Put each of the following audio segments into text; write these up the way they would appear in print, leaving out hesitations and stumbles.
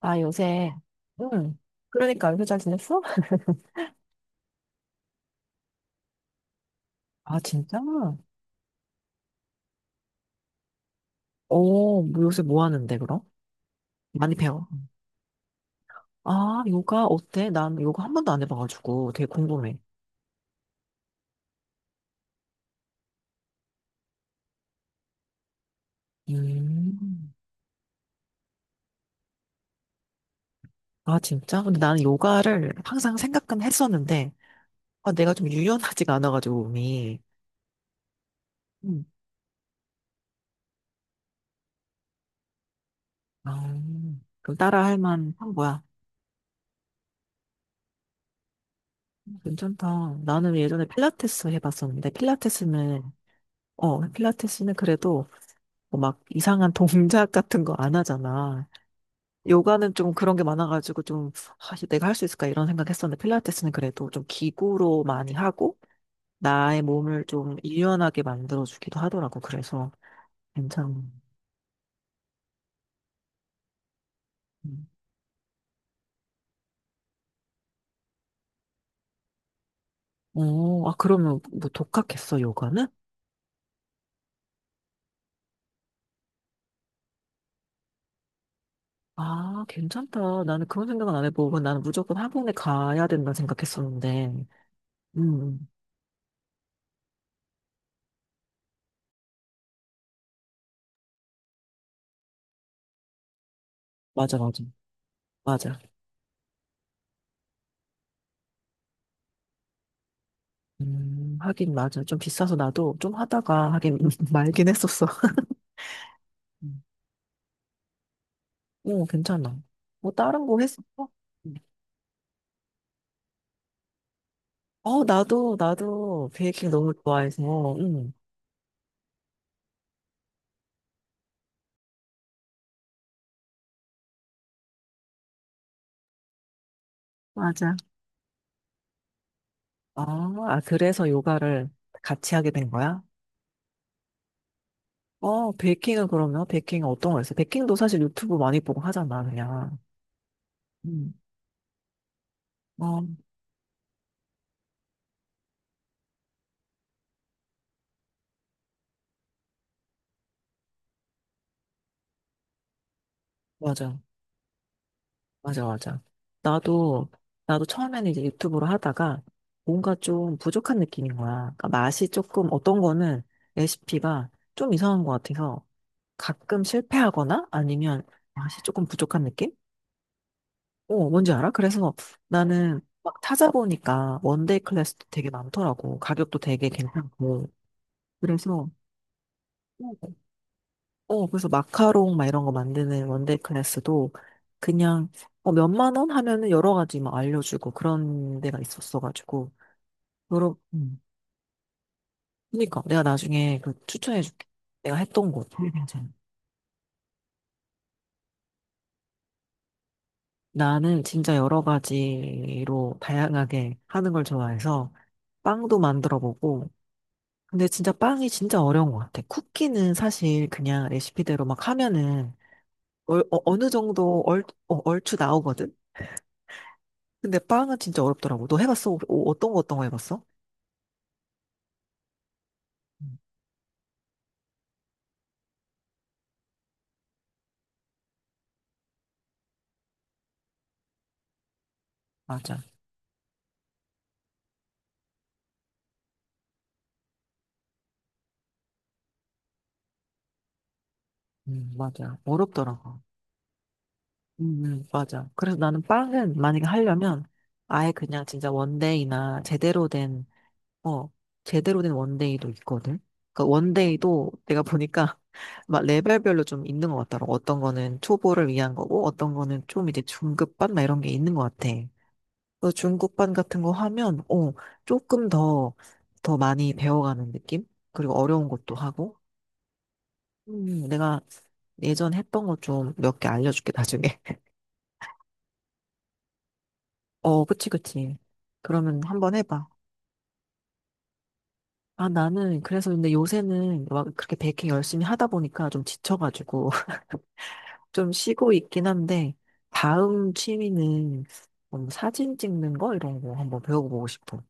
요새, 응. 그러니까, 요새 잘 지냈어? 아, 진짜? 뭐 요새 뭐 하는데, 그럼? 많이 배워. 아, 요가 어때? 난 요가 한 번도 안 해봐가지고 되게 궁금해. 음. 아, 진짜? 근데 나는 요가를 항상 생각은 했었는데, 내가 좀 유연하지가 않아가지고, 몸이. 음. 아, 그럼 따라 할 만한 거야. 괜찮다. 나는 예전에 필라테스 해봤었는데, 필라테스는, 필라테스는 그래도 뭐막 이상한 동작 같은 거 안 하잖아. 요가는 좀 그런 게 많아가지고 좀 아, 이거 내가 할 수 있을까 이런 생각했었는데 필라테스는 그래도 좀 기구로 많이 하고 나의 몸을 좀 유연하게 만들어주기도 하더라고. 그래서 괜찮은. 음. 아 그러면 뭐 독학했어 요가는? 아 괜찮다. 나는 그런 생각은 안 해보고 나는 무조건 학원에 가야 된다 생각했었는데. 음 맞아 맞아 맞아. 하긴 맞아. 좀 비싸서 나도 좀 하다가 하긴 말긴 했었어. 응, 괜찮아. 뭐 다른 거 했어? 어, 나도 베이킹 너무 좋아해서, 응. 맞아. 아, 아, 그래서 요가를 같이 하게 된 거야? 어, 베이킹은 그러면, 베이킹은 어떤 거 했어? 베이킹도 사실 유튜브 많이 보고 하잖아, 그냥. 음. 어, 맞아, 맞아, 맞아. 나도, 나도 처음에는 이제 유튜브로 하다가 뭔가 좀 부족한 느낌인 거야. 그러니까 맛이 조금 어떤 거는 레시피가 좀 이상한 것 같아서 가끔 실패하거나 아니면 맛이 조금 부족한 느낌? 뭔지 알아? 그래서 나는 막 찾아보니까 원데이 클래스도 되게 많더라고. 가격도 되게 괜찮고. 그래서, 그래서 마카롱 막 이런 거 만드는 원데이 클래스도 그냥 몇만 원 하면은 여러 가지 막 알려주고 그런 데가 있었어가지고. 여러, 그러니까 내가 나중에 그 추천해줄게. 내가 했던 곳. 되게 괜찮아. 나는 진짜 여러 가지로 다양하게 하는 걸 좋아해서 빵도 만들어 보고, 근데 진짜 빵이 진짜 어려운 것 같아. 쿠키는 사실 그냥 레시피대로 막 하면은 얼, 어, 느 정도 얼, 어, 얼추 나오거든? 근데 빵은 진짜 어렵더라고. 너 해봤어? 어, 떤거 어떤 거 해봤어? 음, 맞아. 맞아. 어렵더라고. 맞아. 그래서 나는 빵은 만약에 하려면 아예 그냥 진짜 원데이나 제대로 된 어, 제대로 된 원데이도 있거든. 그러니까 원데이도 내가 보니까 막 레벨별로 좀 있는 것 같더라고. 어떤 거는 초보를 위한 거고, 어떤 거는 좀 이제 중급반 막 이런 게 있는 것 같아. 그 중급반 같은 거 하면, 조금 더, 더 많이 배워가는 느낌? 그리고 어려운 것도 하고. 내가 예전 했던 거 좀 몇 개 알려줄게, 나중에. 어, 그치, 그치. 그러면 한번 해봐. 나는, 그래서 근데 요새는 막 그렇게 베이킹 열심히 하다 보니까 좀 지쳐가지고. 좀 쉬고 있긴 한데, 다음 취미는 사진 찍는 거? 이런 거 한번 배워보고 싶어.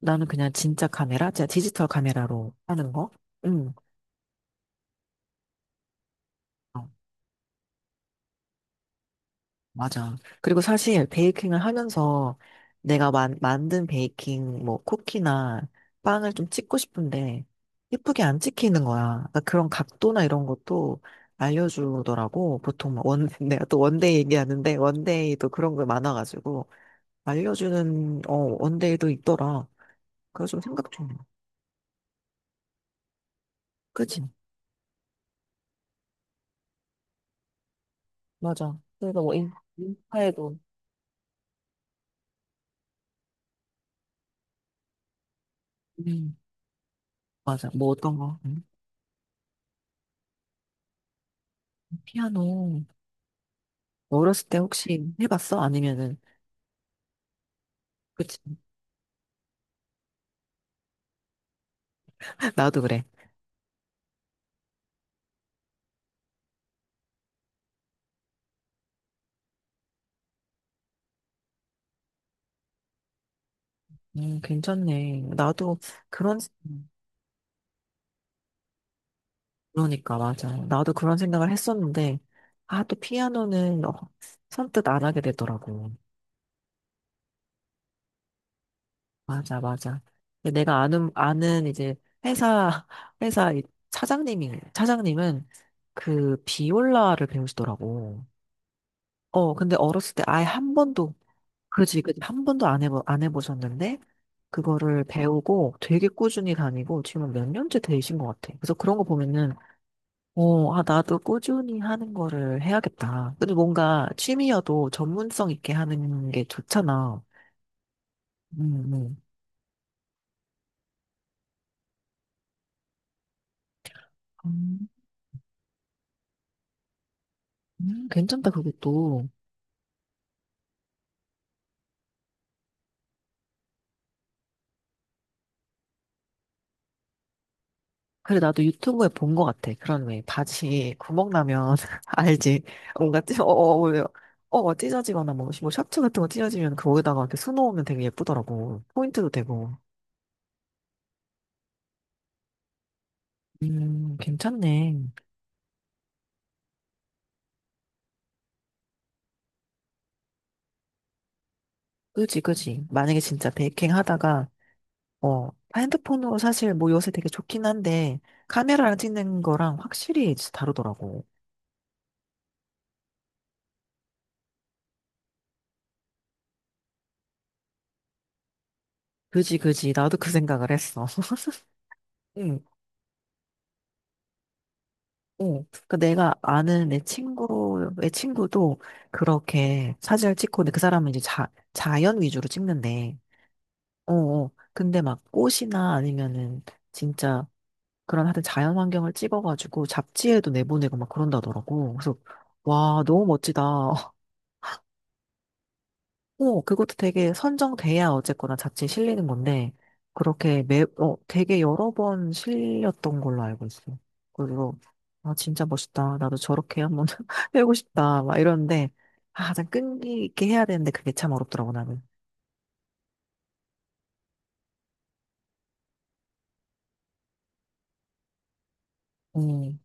나는 그냥 진짜 카메라, 진짜 디지털 카메라로 하는 거? 응, 어, 맞아. 그리고 사실 베이킹을 하면서 내가 만든 베이킹, 뭐, 쿠키나 빵을 좀 찍고 싶은데, 예쁘게 안 찍히는 거야. 그러니까 그런 각도나 이런 것도 알려주더라고. 보통 막 원, 내가 또 원데이 얘기하는데, 원데이도 그런 거 많아가지고. 알려주는, 원데이도 있더라. 그거 좀 생각 좀 해. 그치? 맞아. 그래서 뭐 인- 인파에도 음, 맞아. 뭐 어떤 거? 피아노. 뭐 어렸을 때 혹시 해봤어? 아니면은, 그치? 나도 그래. 괜찮네. 나도 그런, 생- 그러니까, 맞아. 나도 그런 생각을 했었는데, 아, 또 피아노는, 선뜻 안 하게 되더라고. 맞아, 맞아. 근데 내가 아는 이제 회사, 회사 이 차장님이, 차장님은 그 비올라를 배우시더라고. 어, 근데 어렸을 때 아예 한 번도, 그지, 그지, 한 번도 안 해보셨는데, 그거를 배우고 되게 꾸준히 다니고 지금 몇 년째 되신 것 같아. 그래서 그런 거 보면은, 어, 아, 나도 꾸준히 하는 거를 해야겠다. 근데 뭔가 취미여도 전문성 있게 하는 게 좋잖아. 음, 음. 음, 괜찮다, 그것도. 그래, 나도 유튜브에 본 것 같아. 그런 왜 바지 구멍 나면 알지? 뭔가 찢, 어, 어, 어, 어, 어, 찢어지거나 뭐, 뭐 셔츠 같은 거 찢어지면 거기다가 이렇게 수놓으면 되게 예쁘더라고. 포인트도 되고. 괜찮네. 그지, 그지. 만약에 진짜 베이킹 하다가, 어, 핸드폰으로 사실 뭐 요새 되게 좋긴 한데, 카메라랑 찍는 거랑 확실히 진짜 다르더라고. 그지, 그지. 나도 그 생각을 했어. 응, 어, 그 내가 아는 내 친구의 친구도 그렇게 사진을 찍고, 근데 그 사람은 이제 자, 자연 위주로 찍는데, 어, 어. 근데 막 꽃이나 아니면은 진짜 그런 하여튼 자연 환경을 찍어가지고 잡지에도 내보내고 막 그런다더라고. 그래서, 와, 너무 멋지다. 오, 그것도 되게 선정돼야 어쨌거나 자칫 실리는 건데, 되게 여러 번 실렸던 걸로 알고 있어요. 그래서, 아, 진짜 멋있다. 나도 저렇게 한번 해보고 싶다. 막 이러는데, 아, 난 끈기 있게 해야 되는데 그게 참 어렵더라고, 나는. 음,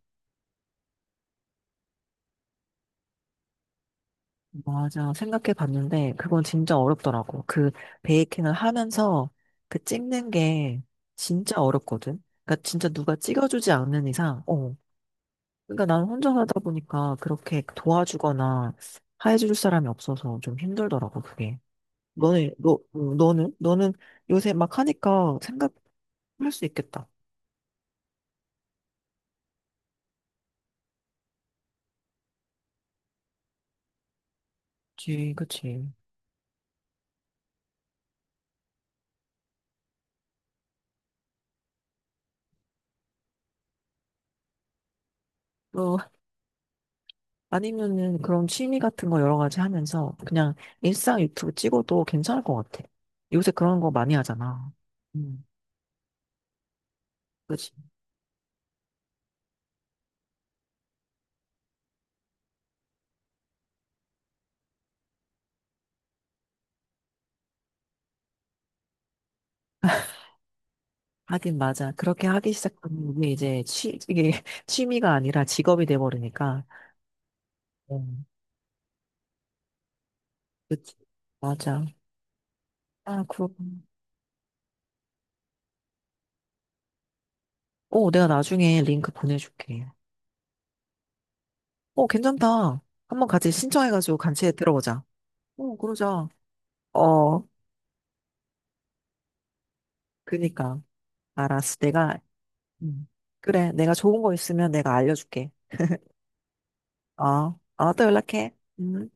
맞아. 생각해 봤는데, 그건 진짜 어렵더라고. 그 베이킹을 하면서 그 찍는 게 진짜 어렵거든. 그러니까 진짜 누가 찍어주지 않는 이상, 어, 그러니까 난 혼자 살다 보니까 그렇게 도와주거나 해줄 사람이 없어서 좀 힘들더라고, 그게. 너는? 너는 요새 막 하니까 생각할 수 있겠다. 그치, 그치. 어, 아니면은 그런 취미 같은 거 여러 가지 하면서 그냥 일상 유튜브 찍어도 괜찮을 것 같아. 요새 그런 거 많이 하잖아. 음, 그치. 하긴 맞아. 그렇게 하기 시작하면 이게 이제 취, 이게 취미가 아니라 직업이 돼버리니까. 음, 그치. 맞아. 아, 그렇 어, 내가 나중에 링크 보내줄게. 어, 괜찮다. 한번 같이 신청해가지고 같이 들어보자. 어, 그러자. 어, 그니까. 알았어. 내가, 음. 그래. 내가 좋은 거 있으면 내가 알려줄게. 어, 어, 또 연락해. 음.